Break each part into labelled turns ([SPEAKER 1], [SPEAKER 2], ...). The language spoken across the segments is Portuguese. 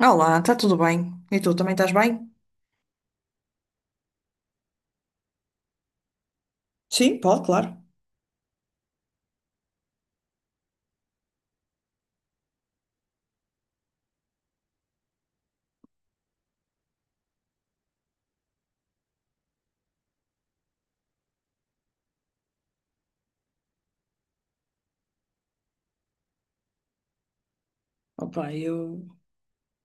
[SPEAKER 1] Olá, está tudo bem? E tu também estás bem? Sim, pode, claro. Opa, eu,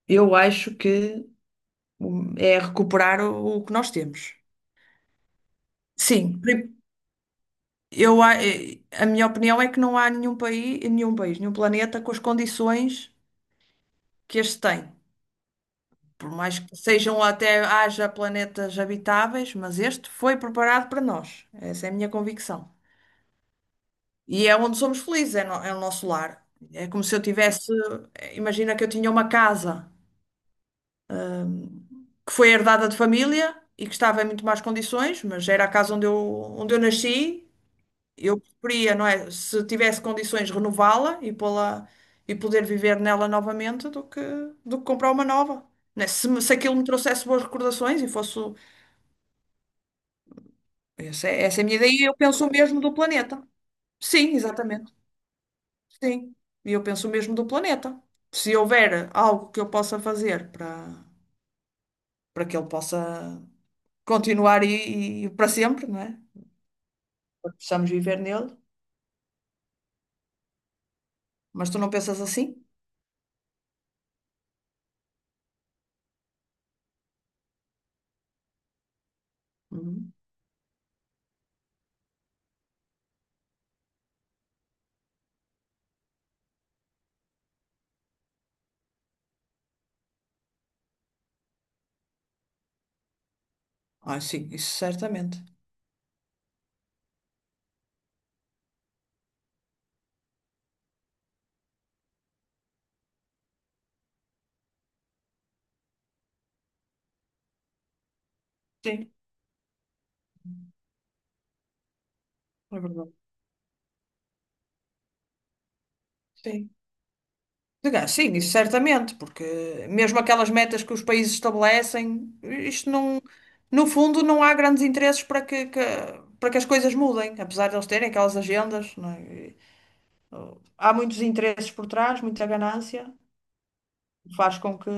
[SPEAKER 1] eu acho que é recuperar o que nós temos. Sim, a minha opinião é que não há nenhum país, nenhum país, nenhum planeta com as condições que este tem. Por mais que sejam até haja planetas habitáveis, mas este foi preparado para nós. Essa é a minha convicção. E é onde somos felizes, é, é o nosso lar. É como se eu tivesse, imagina que eu tinha uma casa que foi herdada de família e que estava em muito más condições, mas era a casa onde eu nasci. Eu preferia, não é? Se tivesse condições, renová-la e pô-la e poder viver nela novamente do que comprar uma nova. Né? Se aquilo me trouxesse boas recordações e fosse. Essa é a minha ideia e eu penso o mesmo do planeta. Sim, exatamente. Sim. E eu penso o mesmo do planeta. Se houver algo que eu possa fazer para, para que ele possa continuar e para sempre, não é? Porque precisamos viver nele, mas tu não pensas assim? Uhum. Ah, sim, isso certamente. Sim, é verdade. Sim. Diga, sim, isso certamente, porque mesmo aquelas metas que os países estabelecem, isto não, no fundo, não há grandes interesses para para que as coisas mudem, apesar de eles terem aquelas agendas, não é? E, oh, há muitos interesses por trás, muita ganância, faz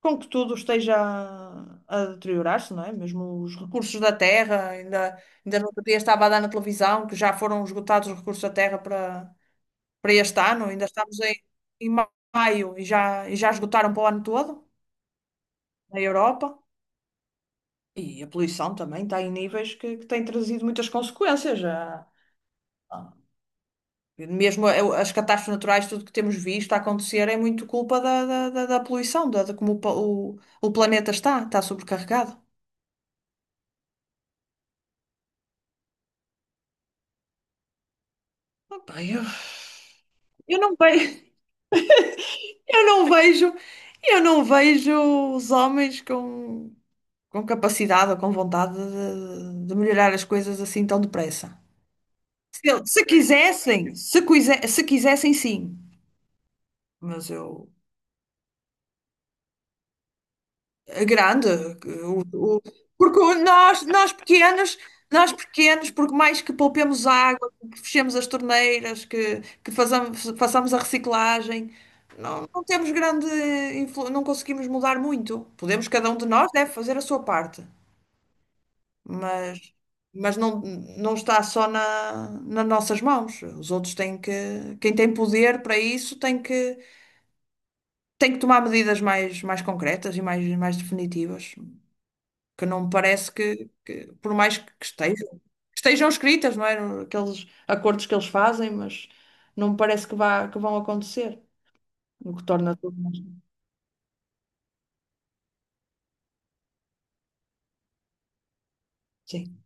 [SPEAKER 1] com que tudo esteja a deteriorar-se, não é? Mesmo os recursos da terra, ainda no outro dia estava a dar na televisão que já foram esgotados os recursos da terra para, para este ano, ainda estamos em, em maio e já esgotaram para o ano todo, na Europa. E a poluição também está em níveis que têm trazido muitas consequências. Já. ah, Mesmo as catástrofes naturais, tudo que temos visto a acontecer é muito culpa da poluição, da, de como o planeta está sobrecarregado. Opa, eu- Eu não vejo, eu não vejo, eu não vejo os homens com capacidade ou com vontade de melhorar as coisas assim tão depressa. Se, eu- se quisessem, se, quise- se quisessem, sim. Mas eu, a grande, o, o- porque nós pequenos, nós pequenos, porque mais que poupemos água, que fechemos as torneiras, que façamos, façamos a reciclagem, Não, não temos grande não conseguimos mudar muito. Podemos, cada um de nós deve fazer a sua parte, mas, mas não, não está só na, nas nossas mãos. Os outros têm que, quem tem poder para isso tem que tomar medidas mais, mais concretas e mais, mais definitivas, que não me parece que por mais que estejam escritas, não é? Aqueles acordos que eles fazem, mas não me parece que vá, que vão acontecer, o que torna tudo mais. Sim.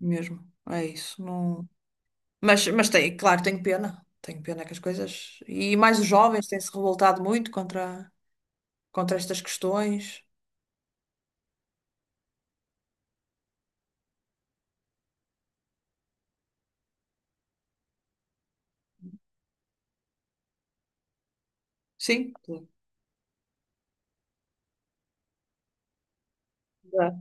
[SPEAKER 1] Mesmo. É isso. Não... mas tem, claro, tenho pena. Tenho pena que as coisas. E mais os jovens têm-se revoltado muito contra, contra estas questões. Sim. Exato.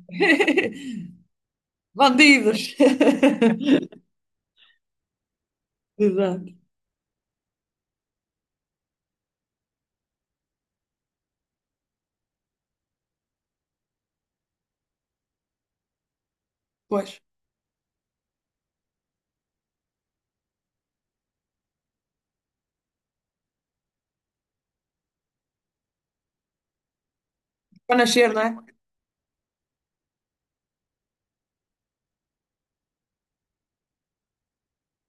[SPEAKER 1] Bandidos. Exato. Pois. Para nascer, não é?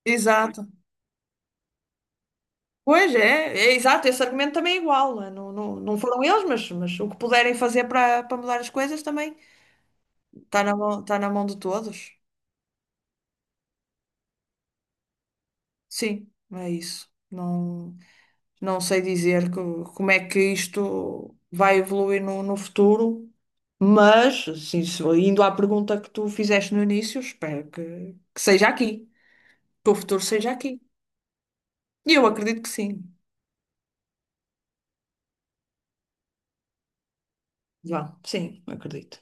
[SPEAKER 1] Exato. Pois é, é exato. Esse argumento também é igual. Não, é? Não, não não foram eles, mas o que puderem fazer para, para mudar as coisas também está na mão de todos. Sim, é isso. Não. Não sei dizer como é que isto vai evoluir no, no futuro, mas, sim, indo à pergunta que tu fizeste no início, espero que seja aqui, que o futuro seja aqui. E eu acredito que sim. Vá, sim, acredito.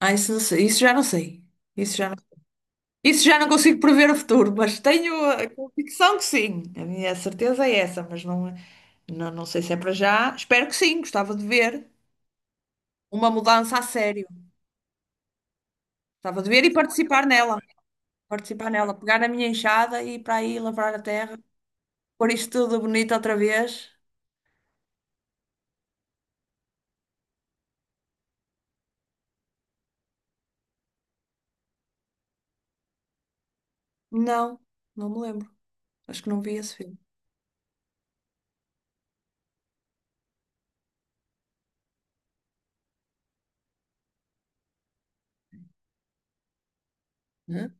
[SPEAKER 1] Ah, isso não sei, isso já não sei. Isso já não, isso já não consigo prever o futuro, mas tenho a convicção que sim. A minha certeza é essa, mas não, não, não sei se é para já. Espero que sim, gostava de ver uma mudança a sério. Gostava de ver e participar nela. Participar nela, pegar na minha enxada e ir para aí lavrar a terra, pôr isto tudo bonito outra vez. Não, não me lembro. Acho que não vi esse filme. Hã?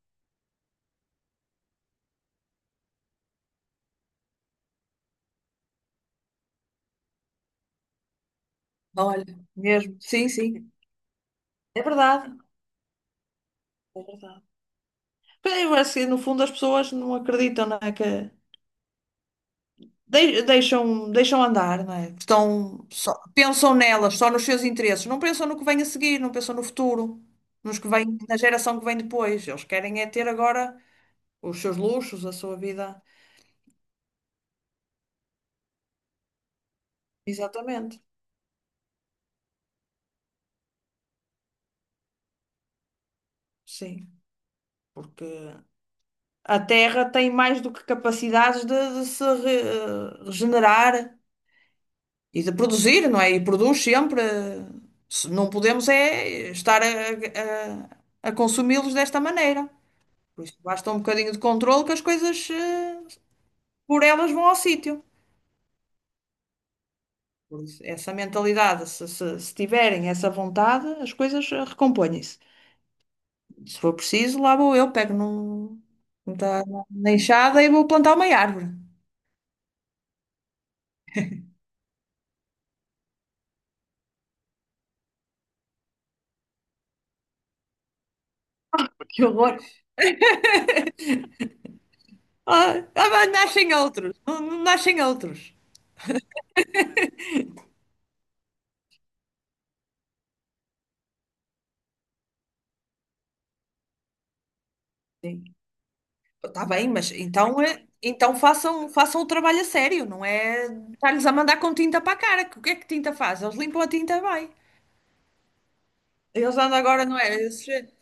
[SPEAKER 1] Olha, mesmo. Sim, sim. É verdade. É verdade. Pois é, eu acho que no fundo as pessoas não acreditam, não é? Que deixam, deixam andar, não é? Estão só, pensam nelas, só nos seus interesses. Não pensam no que vem a seguir, não pensam no futuro, nos que vem, na geração que vem depois. Eles querem é ter agora os seus luxos, a sua vida. Exatamente. Sim. Porque a Terra tem mais do que capacidades de se re- eh, regenerar e de produzir, não é? E produz sempre. Se não podemos é estar a consumi-los desta maneira. Por isso, basta um bocadinho de controle que as coisas por elas vão ao sítio. Por isso, essa mentalidade, se tiverem essa vontade, as coisas recompõem-se. Se for preciso, lá vou eu, pego num, num ta- na enxada e vou plantar uma árvore. Que horror! Ah, ah, mas nascem outros, não, não nascem outros. Sim. Está bem, mas então, então façam, façam o trabalho a sério, não é estar-lhes a mandar com tinta para a cara. Que o que é que tinta faz? Eles limpam a tinta bem. Eles andam agora, não é?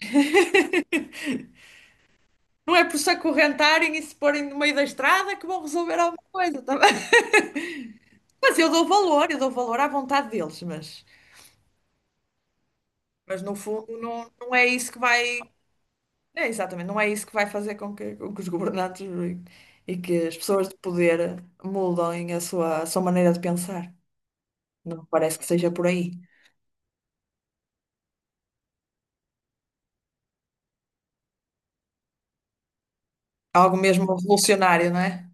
[SPEAKER 1] Não é por se acorrentarem e se porem no meio da estrada que vão resolver alguma coisa, tá bem? Mas eu dou valor à vontade deles, mas no fundo não, não é isso que vai. É, exatamente, não é isso que vai fazer com que os governantes e que as pessoas de poder mudem a sua maneira de pensar. Não parece que seja por aí. Algo mesmo revolucionário, não é?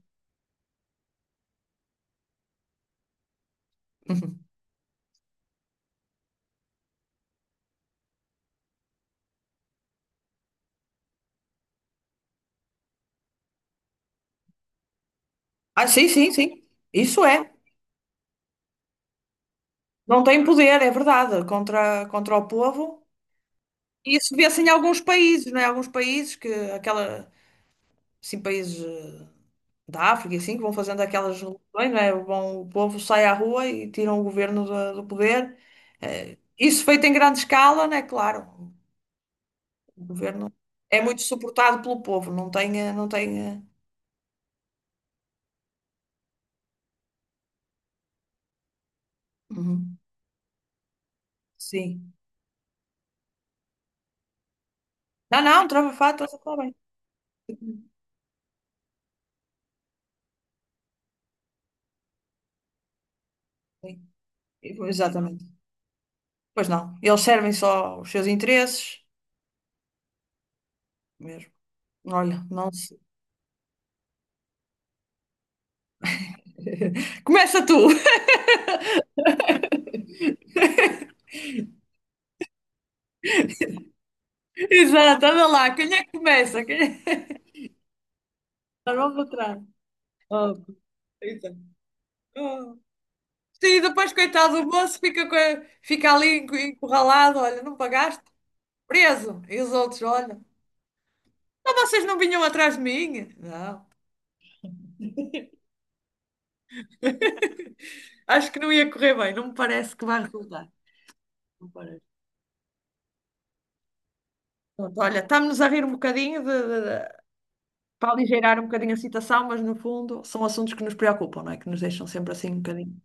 [SPEAKER 1] Uhum. Ah, sim, sim, sim. Isso é. Não tem poder, é verdade, contra, contra o povo. E isso vê-se em alguns países, não é? Alguns países que aquela, assim, países da África, e assim, que vão fazendo aquelas revoluções, né? Vão, o povo sai à rua e tiram o governo do, do poder. Isso feito em grande escala, né? Claro, o governo é muito suportado pelo povo, não tem, não tem, uhum, sim. Não, não, trava-fato, está bem. Sim, exatamente. Pois não, eles servem só os seus interesses mesmo. Olha, não sei. Começa tu. Exato, anda lá. Quem é que começa? É- Nós vamos atrás. Oh, então. Oh. Sim, depois, coitado, o moço fica, fica ali encurralado. Olha, não pagaste? Preso. E os outros, olha, mas vocês não vinham atrás de mim? Não. Acho que não ia correr bem. Não me parece que vai resultar. Não parece. Pronto, olha, estamos a rir um bocadinho de- para aligeirar um bocadinho a situação, mas no fundo são assuntos que nos preocupam, não é? Que nos deixam sempre assim um bocadinho.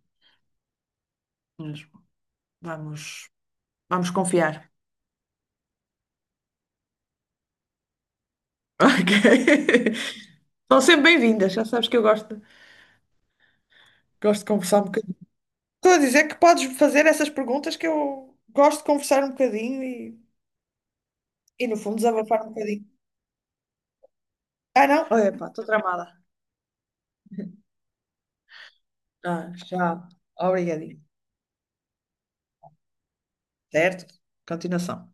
[SPEAKER 1] Mas vamos, vamos confiar. Ok. São sempre bem-vindas, já sabes que eu gosto, gosto de conversar um bocadinho. Estou a dizer que podes fazer essas perguntas que eu gosto de conversar um bocadinho e no fundo, desabafar um bocadinho. Ah, não? Epá, estou tramada. Ah, já. Obrigadinho. Certo? Continuação.